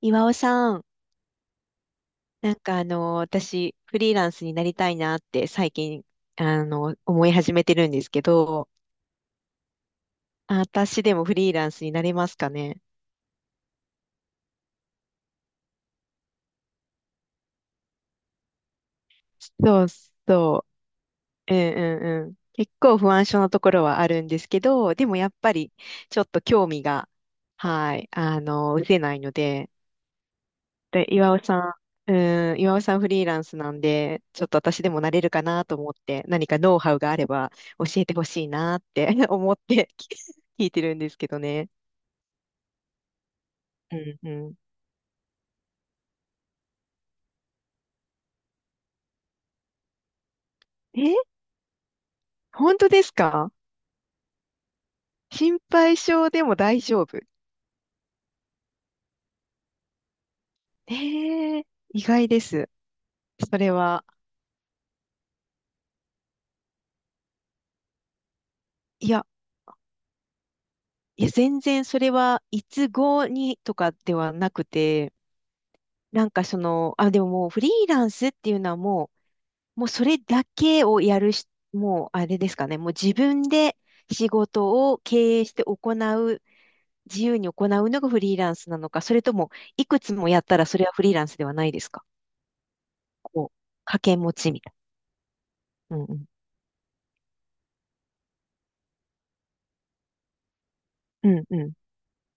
岩尾さん、なんか私、フリーランスになりたいなって最近、思い始めてるんですけど、あ、私でもフリーランスになれますかね？そうそう。うんうんうん。結構不安症のところはあるんですけど、でもやっぱり、ちょっと興味が、はい、失せないので、で、岩尾さん、うん、岩尾さんフリーランスなんで、ちょっと私でもなれるかなと思って、何かノウハウがあれば教えてほしいなって 思ってき 聞いてるんですけどね。うんうん。え、本当ですか？心配性でも大丈夫？えー、意外です。それは。いや、いや、全然それはいつごにとかではなくて、なんかあ、でももうフリーランスっていうのはもう、もうそれだけをやるし、もうあれですかね、もう自分で仕事を経営して行う、自由に行うのがフリーランスなのか、それともいくつもやったらそれはフリーランスではないですか？こう、掛け持ちみたいな。うんうん。うんうん。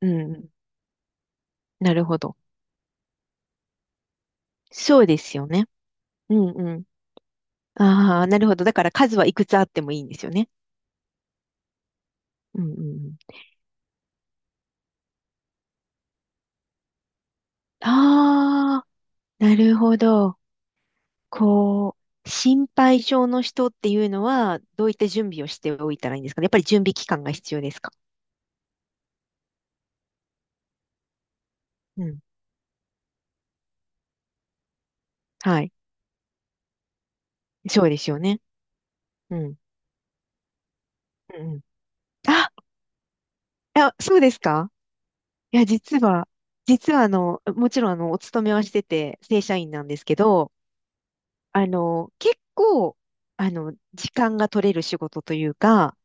うんうん。なるほど。そうですよね。うんうん。ああ、なるほど。だから数はいくつあってもいいんですよね。うんうんうん。ああ、なるほど。こう、心配性の人っていうのは、どういった準備をしておいたらいいんですかね？やっぱり準備期間が必要ですか？うん。はい。そうですよね。うん。うんうん。あ、あ、そうですか。いや、実は、もちろんお勤めはしてて、正社員なんですけど、結構、時間が取れる仕事というか、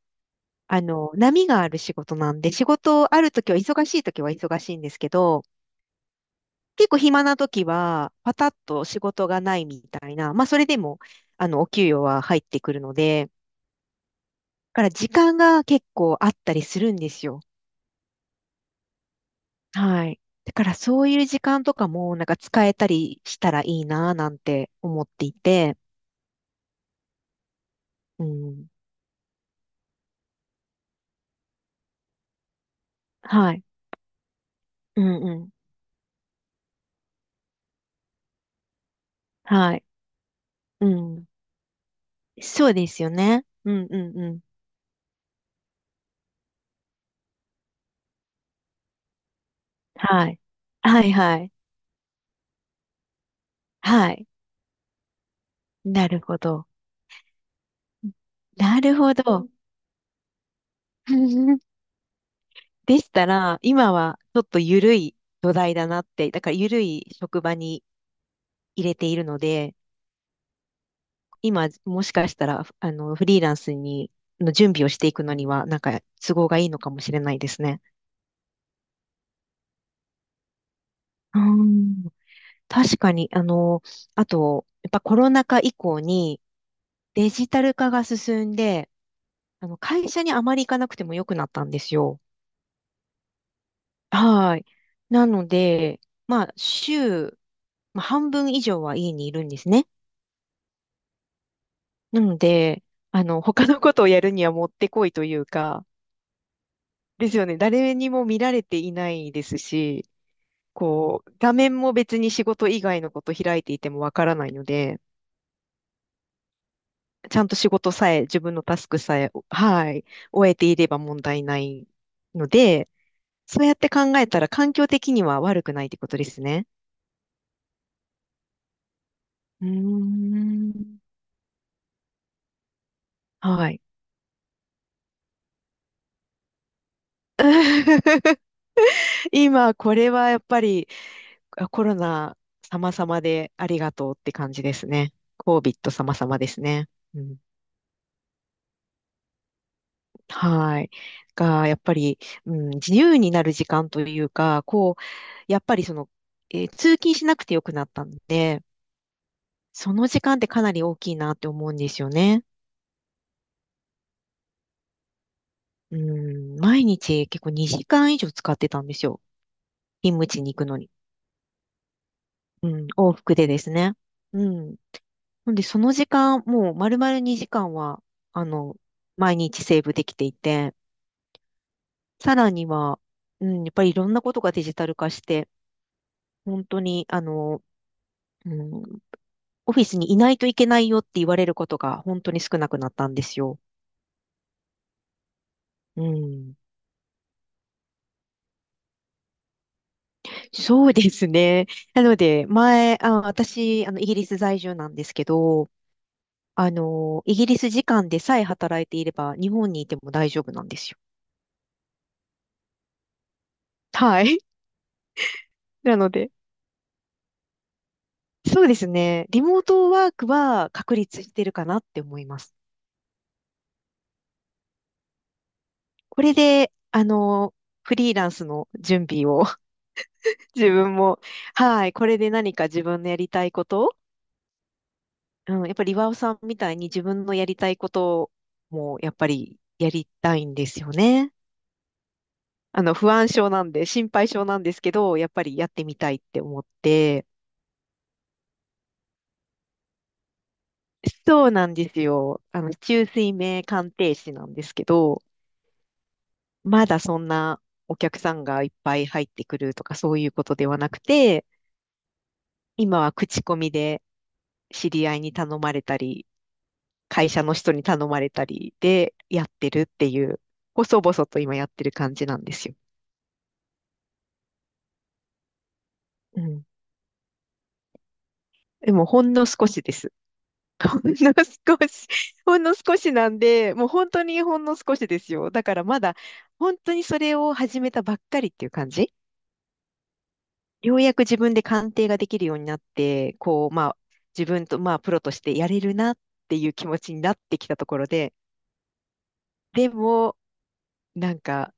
波がある仕事なんで、仕事あるときは忙しいときは忙しいんですけど、結構暇な時は、パタッと仕事がないみたいな、まあそれでも、お給与は入ってくるので、だから時間が結構あったりするんですよ。はい。だからそういう時間とかも、なんか使えたりしたらいいなぁなんて思っていて、うん。はい。うんうん。はい。うん。そうですよね。うんうんうん。はい。はいはい。はい。なるほど。なるほど。でしたら、今はちょっと緩い土台だなって、だから緩い職場に入れているので、今もしかしたら、フリーランスの準備をしていくのには、なんか都合がいいのかもしれないですね。うん、確かに、あと、やっぱコロナ禍以降にデジタル化が進んで、会社にあまり行かなくても良くなったんですよ。はい。なので、まあ、まあ、半分以上は家にいるんですね。なので、他のことをやるにはもってこいというか、ですよね。誰にも見られていないですし、こう、画面も別に仕事以外のこと開いていてもわからないので、ちゃんと仕事さえ、自分のタスクさえ、はい、終えていれば問題ないので、そうやって考えたら環境的には悪くないってことですね。うーん。はい。今、これはやっぱり、あ、コロナ様々でありがとうって感じですね。COVID 様々ですね。うん、はい。が、やっぱり、うん、自由になる時間というか、こう、やっぱり通勤しなくてよくなったんで、その時間ってかなり大きいなって思うんですよね。うん、毎日結構2時間以上使ってたんですよ。勤務地に行くのに。うん、往復でですね。うん。なんで、その時間、もう丸々2時間は、あの、毎日セーブできていて、さらには、うん、やっぱりいろんなことがデジタル化して、本当に、うん、オフィスにいないといけないよって言われることが本当に少なくなったんですよ。うん、そうですね。なので、あ、私、イギリス在住なんですけど、イギリス時間でさえ働いていれば、日本にいても大丈夫なんですよ。はい。なので、そうですね。リモートワークは確立してるかなって思います。これで、フリーランスの準備を 自分も、はい、これで何か自分のやりたいこと、うん、やっぱり岩尾さんみたいに自分のやりたいこともやっぱりやりたいんですよね。不安症なんで、心配症なんですけど、やっぱりやってみたいって思って、そうなんですよ。中水明鑑定士なんですけど、まだそんなお客さんがいっぱい入ってくるとかそういうことではなくて、今は口コミで知り合いに頼まれたり、会社の人に頼まれたりでやってるっていう、細々と今やってる感じなんですよ。うん。でもほんの少しです。ほんの少し、ほんの少しなんで、もう本当にほんの少しですよ。だからまだ本当にそれを始めたばっかりっていう感じ。ようやく自分で鑑定ができるようになって、こう、まあ、自分と、まあ、プロとしてやれるなっていう気持ちになってきたところで、でも、なんか、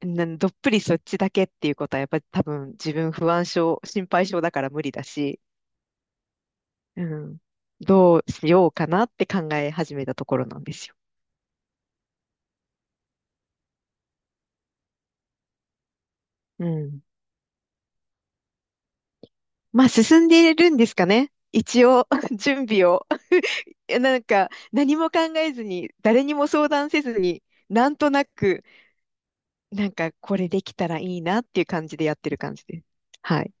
などっぷりそっちだけっていうことは、やっぱり多分自分不安症、心配症だから無理だし、うん、どうしようかなって考え始めたところなんですよ。うん。まあ、進んでいるんですかね？一応、準備を。いやなんか、何も考えずに、誰にも相談せずに、なんとなく、なんか、これできたらいいなっていう感じでやってる感じです。はい。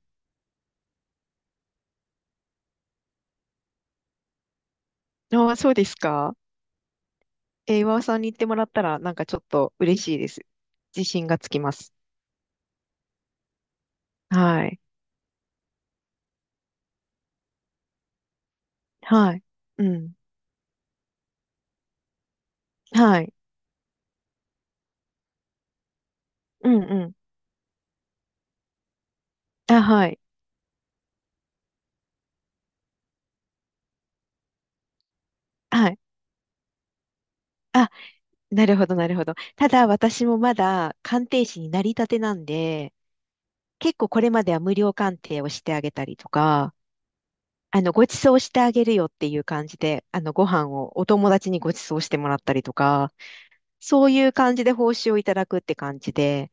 ああ、そうですか。えー、岩尾さんに言ってもらったら、なんかちょっと嬉しいです。自信がつきます。はい。はい。うん。はい。うんうん。あ、はい。はい。あ、なるほど、なるほど。ただ、私もまだ鑑定士になりたてなんで、結構これまでは無料鑑定をしてあげたりとか、ご馳走してあげるよっていう感じで、ご飯をお友達にご馳走してもらったりとか、そういう感じで報酬をいただくって感じで、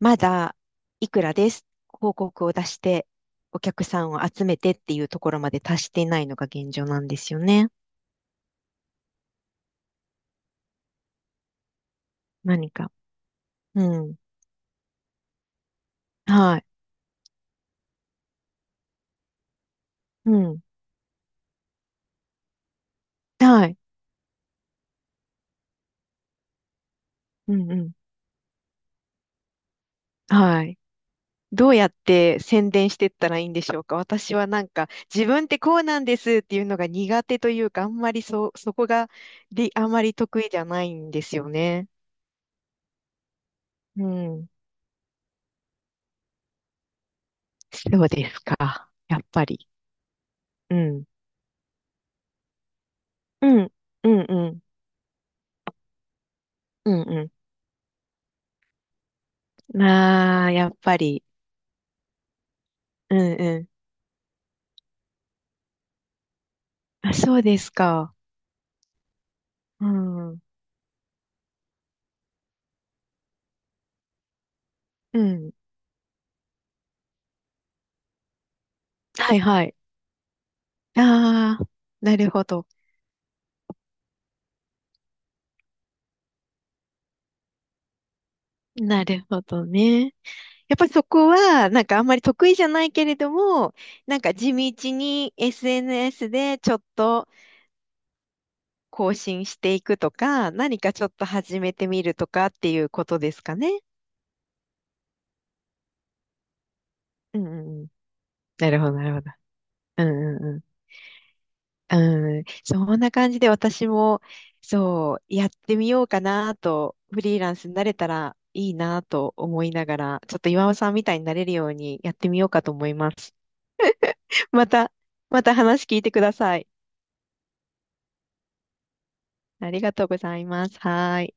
まだいくらです広告を出して、お客さんを集めてっていうところまで達していないのが現状なんですよね。何か。うん。はい。うん。はい。うんうん。はい。どうやって宣伝してったらいいんでしょうか？私はなんか、自分ってこうなんですっていうのが苦手というか、あんまりそこが、で、あんまり得意じゃないんですよね。うん。そうですか。やっぱり。うん。うん、うん、うん、うん、うん。まあ、やっぱり。うん、うん。あ、そうですか。うん、うん。はい、はい。ああ、なるほど。なるほどね。やっぱりそこは、なんかあんまり得意じゃないけれども、なんか地道に SNS でちょっと更新していくとか、何かちょっと始めてみるとかっていうことですかね？うん、うん、うん。なるほど、なるほど。うん、うん、うん。うん、そんな感じで私も、そう、やってみようかなと、フリーランスになれたらいいなと思いながら、ちょっと岩尾さんみたいになれるようにやってみようかと思います。また、話聞いてください。ありがとうございます。はーい。